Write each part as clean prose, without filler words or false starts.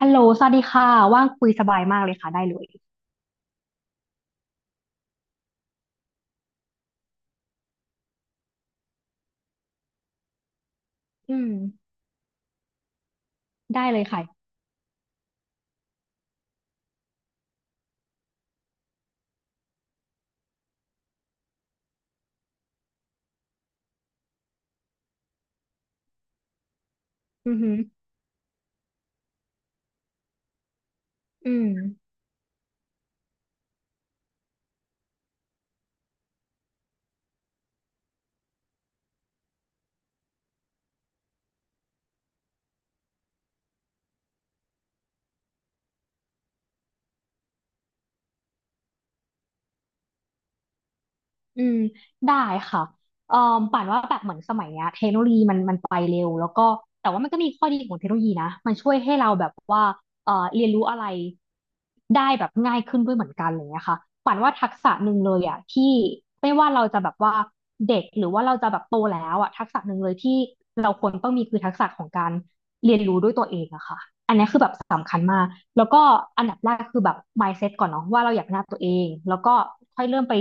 ฮัลโหลสวัสดีค่ะ ว่างคุยสบายมากเลยค่ะ ได้เลยอืมได้เลยค่ะอือหืออืม อืมได้ค่ะเอ่อป่านว่าแบบเหมือนสมัยเนี้ยเทคโนโลยีมันไปเร็วแล้วก็แต่ว่ามันก็มีข้อดีของเทคโนโลยีนะมันช่วยให้เราแบบว่าเรียนรู้อะไรได้แบบง่ายขึ้นด้วยเหมือนกันอะไรเงี้ยค่ะป่านว่าทักษะหนึ่งเลยอ่ะที่ไม่ว่าเราจะแบบว่าเด็กหรือว่าเราจะแบบโตแล้วอ่ะทักษะหนึ่งเลยที่เราควรต้องมีคือทักษะของการเรียนรู้ด้วยตัวเองอะค่ะอันนี้คือแบบสำคัญมากแล้วก็อันดับแรกคือแบบ mindset ก่อนเนาะว่าเราอยากพัฒนาตัวเองแล้วก็ค่อยเริ่มไป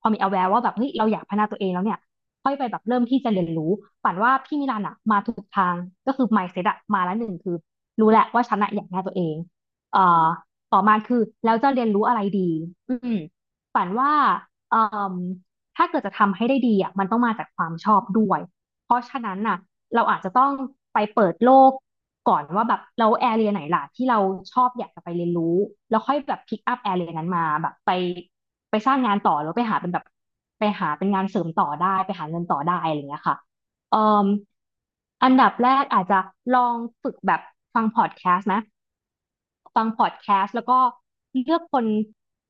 พอมี aware ว่าแบบเฮ้ยเราอยากพัฒนาตัวเองแล้วเนี่ยค่อยไปแบบเริ่มที่จะเรียนรู้ปั่นว่าพี่มิลันอะมาถูกทางก็คือ mindset อะมาแล้วหนึ่งคือรู้แหละว่าฉันอะอยากพัฒนาตัวเองเอ่อต่อมาคือแล้วจะเรียนรู้อะไรดีอืมปั่นว่าเอ่มถ้าเกิดจะทำให้ได้ดีอะมันต้องมาจากความชอบด้วย เพราะฉะนั้นน่ะเราอาจจะต้องไปเปิดโลกก่อนว่าแบบเราแอเรียไหนล่ะที่เราชอบอยากจะไปเรียนรู้แล้วค่อยแบบพิกอัพแอเรียนั้นมาแบบไปสร้างงานต่อหรือไปหาเป็นแบบไปหาเป็นงานเสริมต่อได้ไปหาเงินต่อได้อะไรอย่างเงี้ยค่ะเอ่มอันดับแรกอาจจะลองฝึกแบบฟังพอดแคสต์นะ ฟังพอดแคสต์แล้วก็เลือกคน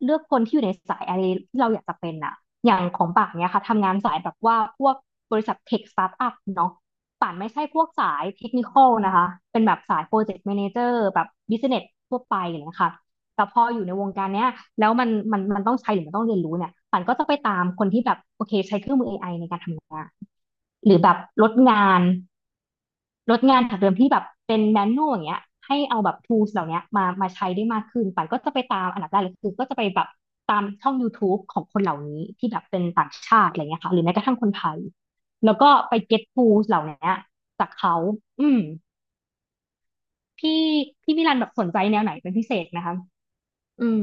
เลือกคนที่อยู่ในสายอะไรที่เราอยากจะเป็นอะอย่างของป่านเนี่ยค่ะทำงานสายแบบว่าพวกบริษัทเทคสตาร์ทอัพเนาะป่านไม่ใช่พวกสายเทคนิคอลนะคะเป็นแบบสายโปรเจกต์แมเนเจอร์แบบบิสเนสทั่วไปอย่างเงี้ยค่ะแต่พออยู่ในวงการเนี้ยแล้วมันต้องใช้หรือมันต้องเรียนรู้เนี่ยป่านก็จะไปตามคนที่แบบโอเคใช้เครื่องมือ AI ในการทำงานหรือแบบลดงาน ลดงานจากเดิมที่แบบเป็นแมนนวลอย่างเงี้ยให้เอาแบบ tools เหล่าเนี้ยมาใช้ได้มากขึ้นปันก็จะไปตามอันดับแรกเลยคือก็จะไปแบบตามช่อง YouTube ของคนเหล่านี้ที่แบบเป็นต่างชาติอะไรเงี้ยค่ะหรือแม้กระทั่งคนไทยแล้วก็ไป get tools เหล่าเนี้ยจากเขาอืมพี่พี่มิลันแบบสนใจแนวไหนเป็นพิเศษนะคะอืม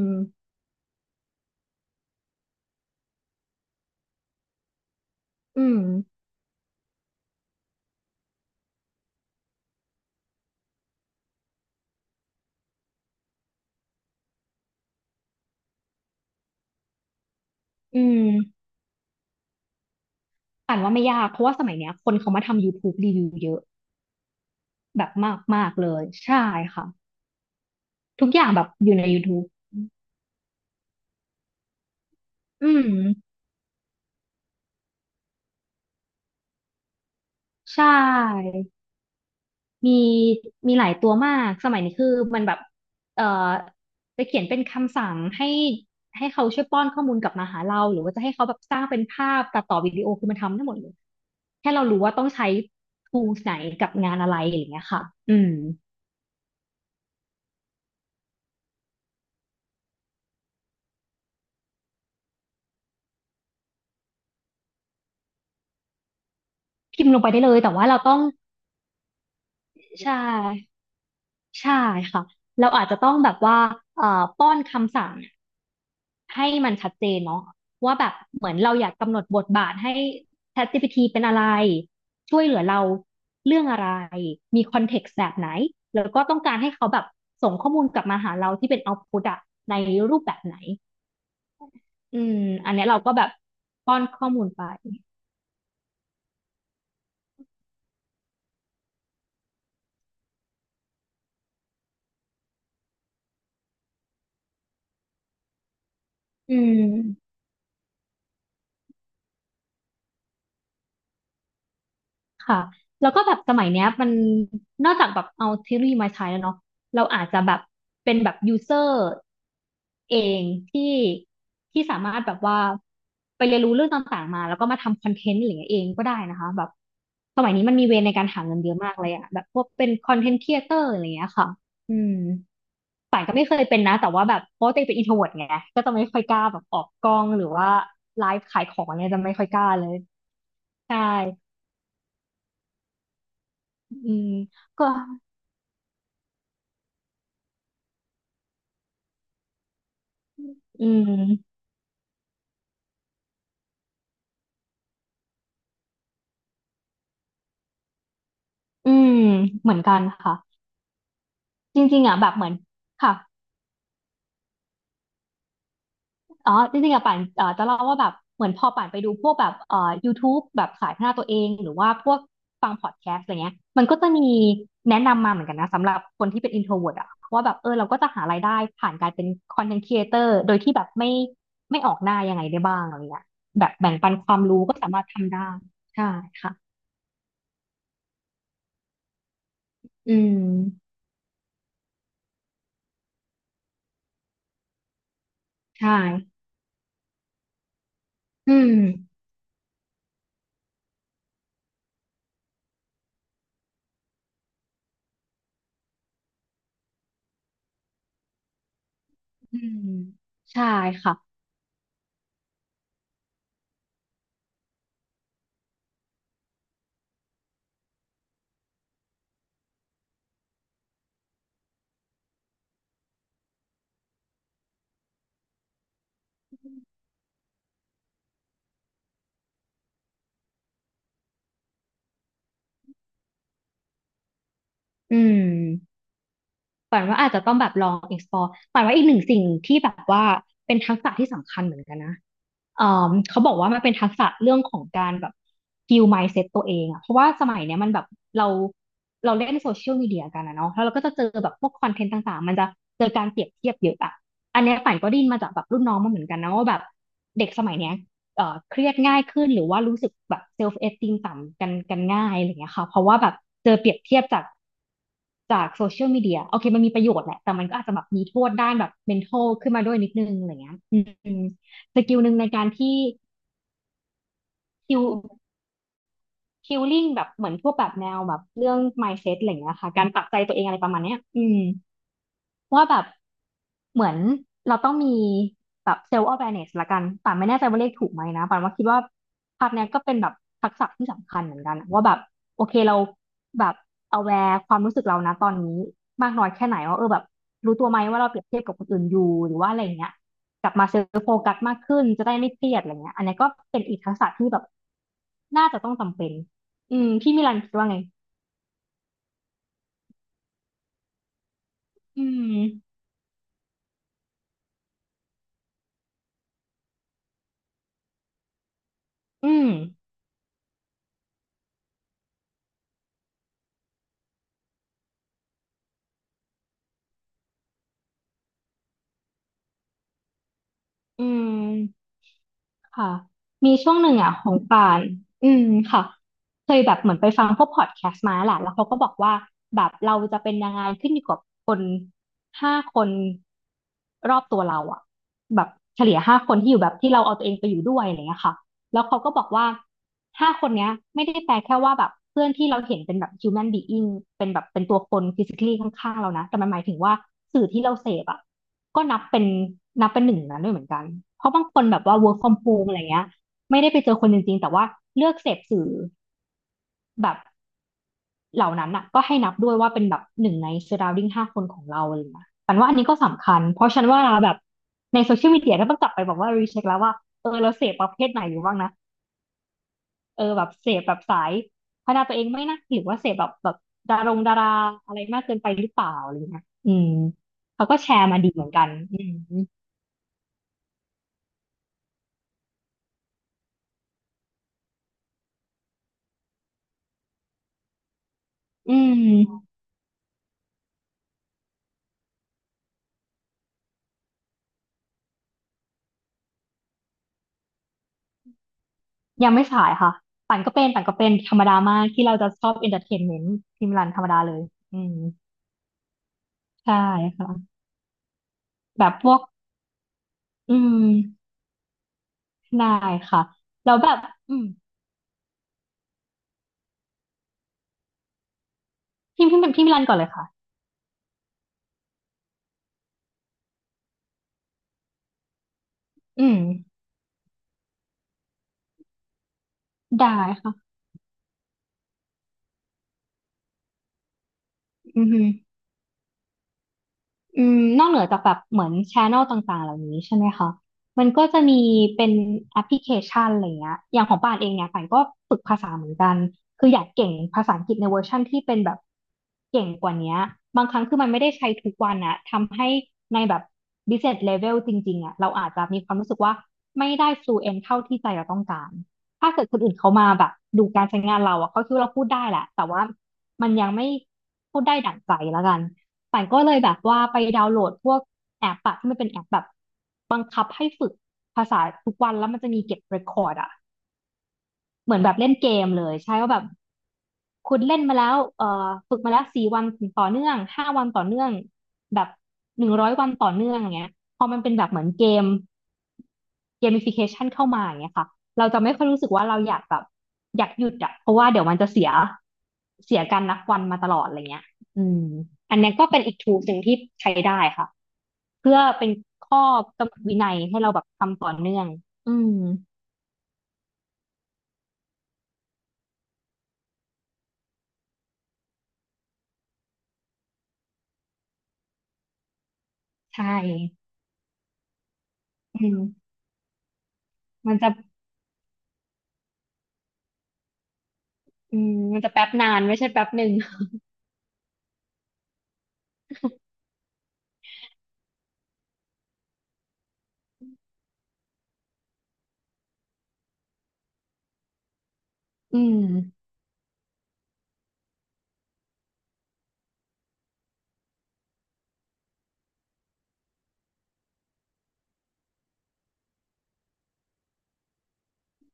อืมอืมอ่านว่าไม่ยากเพราะว่าสมัยเนี้ยคนเขามาทำ YouTube รีวิวเยอะแบบมากมากเลยใช่ค่ะทุกอย่างแบบอยู่ใน YouTube อืม ใช่มีมีหลายตัวมาก สมัยนี้คือมันแบบเอ่อจะเขียนเป็นคำสั่งให้เขาช่วยป้อนข้อมูลกลับมาหาเราหรือว่าจะให้เขาแบบสร้างเป็นภาพตัดต่อวิดีโอคือมันทำได้หมดเลยแค่เรารู้ว่าต้องใช้ tools ไหนกับงานอะไรอย่างเงี้ยค่ะอืมพิมพ์ลงไปได้เลยแต่ว่าเราต้อง ใช่ใช่ค่ะเราอาจจะต้องแบบว่าเอ่อป้อนคำสั่ง ให้มันชัดเจนเนาะว่าแบบเหมือนเราอยากกำหนดบทบาทให้ ChatGPT เป็นอะไรช่วยเหลือเราเรื่องอะไรมีคอนเท็กซ์แบบไหนแล้วก็ต้องการให้เขาแบบส่งข้อมูลกลับมาหาเราที่เป็นเอาต์พุตอะในรูปแบบไหนอืมอันเนี้ยเราก็แบบป้อนข้อมูลไปอืม ค่ะแล้วก็แบบสมัยเนี้ยมันนอกจากแบบเอาเทคโนโลยีมาใช้แล้วเนาะเราอาจจะแบบเป็นแบบยูเซอร์เองที่ที่สามารถแบบว่าไปเรียนรู้เรื่องต่างๆมาแล้วก็มาทำคอนเทนต์อะไรอย่างเงี้ยเองก็ได้นะคะแบบสมัยนี้มันมีเวในการหาเงินเยอะมากเลยอะแบบพวกเป็นคอนเทนต์ครีเอเตอร์อะไรอย่างเงี้ยค่ะอืมป่านก็ไม่เคยเป็นนะแต่ว่าแบบเพราะว่าตัวเองเป็นอินโทรเวิร์ตไงก็จะไม่ค่อยกล้าแบบออกกล้องหรือว่าไลฟ์ขายของเนี่ยจะไม่ค่อยกล้าเลยใช่อืมก็ อืม อืม เหมือนกันค่ะ จริงๆอ่ะแบบเหมือน ค่ะ อ๋อ จริงๆอ่ะป่านจะเล่าว่าแบบ เหมือนพอป่านไปดูพวกแบบYouTube แบบสายพัฒนาตัวเอง หรือว่าพวกฟังพอดแคสต์อะไรเงี้ย มันก็จะมีแนะนำมาเหมือนกันนะสำหรับคนที่เป็น introvert อ่ะว่าแบบเออเราก็จะหารายได้ผ่านการเป็น content creator โดยที่แบบไม่ออกหน้ายังไงได้บ้างอะไรเงี้ยแบบแบ่งปันความรู้ก็สามารถทำได้ใช่ค่ะอืมใช่อืมอืมใช่ค่ะ อืมฝันว่าอาจจะต้องแบบลอง explore ฝันว่าอีกหนึ่งสิ่งที่แบบว่าเป็นทักษะที่สำคัญเหมือนกันนะเขาบอกว่ามันเป็นทักษะเรื่องของการแบบ heal mindset ตัวเองอะเพราะว่าสมัยเนี้ยมันแบบเราเราเล่นโซเชียลมีเดียกันนะเนาะแล้วเราก็จะเจอแบบพวกคอนเทนต์ต่างๆมันจะเจอการเปรียบเทียบเยอะอะอันเนี้ยฝันก็ได้ยินมาจากแบบรุ่นน้องมาเหมือนกันนะว่าแบบเด็กสมัยเนี้ย เครียดง่ายขึ้นหรือว่ารู้สึกแบบเซลฟ์เอสติมต่ำกันง่ายอะไรอย่างเงี้ยค่ะเพราะว่าแบบเจอเปรียบเทียบจากโซเชียลมีเดียโอเคมันมีประโยชน์แหละแต่มันก็อาจจะแบบมีโทษด้านแบบ mental ขึ้นมาด้วยนิดนึงอะไรเงี้ยอืมสกิลหนึ่งในการที่คิวคิวลิ่งแบบเหมือนพวกแบบแนวแบบเรื่อง mindset อะไรเงี้ยค่ะการปรับใจตัวเองอะไรประมาณเนี้ยอืม ว่าแบบเหมือนเราต้องมีแบบเซลล์ awareness ละกันป่านไม่แน่ใจว่าเลขถูกไหมนะป่านว่าคิดว่าภาพเนี้ยก็เป็นแบบทักษะที่สำคัญเหมือนกันอะว่าแบบโอเคเราแบบ aware ความรู้สึกเรานะตอนนี้มากน้อยแค่ไหนว่าเออแบบรู้ตัวไหมว่าเราเปรียบเทียบกับคนอื่นอยู่หรือว่าอะไรอย่างเงี้ยกลับมาเซลฟ์โฟกัสมากขึ้นจะได้ไม่เครียดอะไรเงี้ยอันนี้ก็เป็นอีกทักษะที่แบบน่าจะต้องจำเป็นอืมพี่มิลันคิดว่าไงอืมอืมอืม ค่ะมีช่วงหนึ่งอ่ะของป่านอืมค่ะเคยแบบเหมือนไปฟังพวกพอดแคสต์มาแหละแล้วเขาก็บอกว่าแบบเราจะเป็นยังไงขึ้นอยู่กับคนห้าคนรอบตัวเราอ่ะแบบเฉลี่ยห้าคนที่อยู่แบบที่เราเอาตัวเองไปอยู่ด้วยอะไรเงี้ยค่ะแล้วเขาก็บอกว่าห้าคนเนี้ยไม่ได้แปลแค่ว่าแบบเพื่อนที่เราเห็นเป็นแบบ human being เป็นแบบเป็นตัวคน physically ข้างๆเรานะแต่มันหมายถึงว่าสื่อที่เราเสพอ่ะ ก็นับเป็นหนึ่งนั้นด้วยเหมือนกัน เพราะบางคนแบบว่า work from home อะไรเงี้ยไม่ได้ไปเจอคนจริงๆแต่ว่าเลือกเสพสื่อแบบเหล่านั้นอ่ะก็ให้นับด้วยว่าเป็นแบบหนึ่งใน surrounding ห้าคนของเราอะไรเลยนะปันว่าอันนี้ก็สำคัญเพราะฉันว่าแบบในโซเชียลมีเดียก็ต้องกลับไปแบบว่ารีเช็คแล้วว่าเออเราเสพประเภทไหนอยู่บ้างนะเออแบบเสพแบบสายพัฒนาตัวเองไหม่นะหรือว่าเสพแบบดาราอะไรมากเกินไปหรือเปล่าอะไรเงี้ยอืมเขาก็แชร์มาดีเหมือนกันอืมอืม ยังไม่สายค่ะ ปั่นก็เป็นธรรมดามากที่เราจะชอบ e n นเตอร์เทนเมน์ทีมิลนธรรมดาเลยอืมใช่ค่ะแบบพวกอืมได้ค่ะแล้วแบบอืมพี่มิลันก่อนเลยค่ะอืมได้ค่ะอือฮึ อืมนอกเหนือจากแบบเหมือนช n นลต่างๆเหล่านี้ใช่ไหมคะ มันก็จะมีเป็นแอปพลิเคชันอะไรเงี้ยอย่างของป่านเองเนี่ยป่านก็ฝึกภาษาเหมือนกัน คืออยากเก่งภาษาอังกฤษในเวอร์ชั่นที่เป็นแบบเก่งกว่าเนี้ยบางครั้งคือมันไม่ได้ใช้ทุกวันอะทำให้ในแบบ business level จริงๆอะเราอาจจะมีความรู้สึกว่าไม่ได้ fluent เท่าที่ใจเราต้องการถ้าเกิดคนอื่นเขามาแบบดูการใช้งานเราอะเขาคิดว่าเราพูดได้แหละแต่ว่ามันยังไม่พูดได้ดั่งใจแล้วกัน ป่านก็เลยแบบว่าไปดาวน์โหลดพวกแอปอะที่มันเป็นแอปแบบบังคับให้ฝึกภาษาทุกวันแล้วมันจะมีเก็บเรคคอร์ดอะเหมือนแบบเล่นเกมเลยใช่ว่าแบบ คุณเล่นมาแล้วฝึกมาแล้ว4 วันต่อเนื่อง5 วันต่อเนื่องแบบ100 วันต่อเนื่องอย่างเงี้ยพอมันเป็นแบบเหมือนเกมเกม i ฟิเคชันเข้ามาอย่างเงี้ยค่ะเราจะไม่ค่อยรู้สึกว่าเราอยากแบบอยากหยุดอะเพราะว่าเดี๋ยวมันจะเสียการนับวันมาตลอดอะไรเงี้ยอืมอันเนี้ยก็เป็นอีก t o o l หนึ่งที่ใช้ได้ค่ะเพื่อเป็นข้อกำหนดวินัยให้เราแบบทำต่อเนื่องอืมใช่อืมมันจะอืมมันจะแป๊บนานไม่ใช่แป๊บหนึ่ง อืม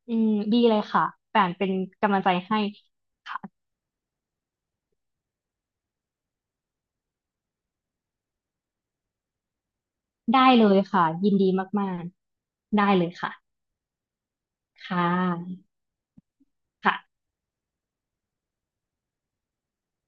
อืมดีเลยค่ะแป่นเป็นกำลังใจให้ค่ะได้เลยค่ะ ยินดีมากๆได้เลยค่ะค่ะค่ะ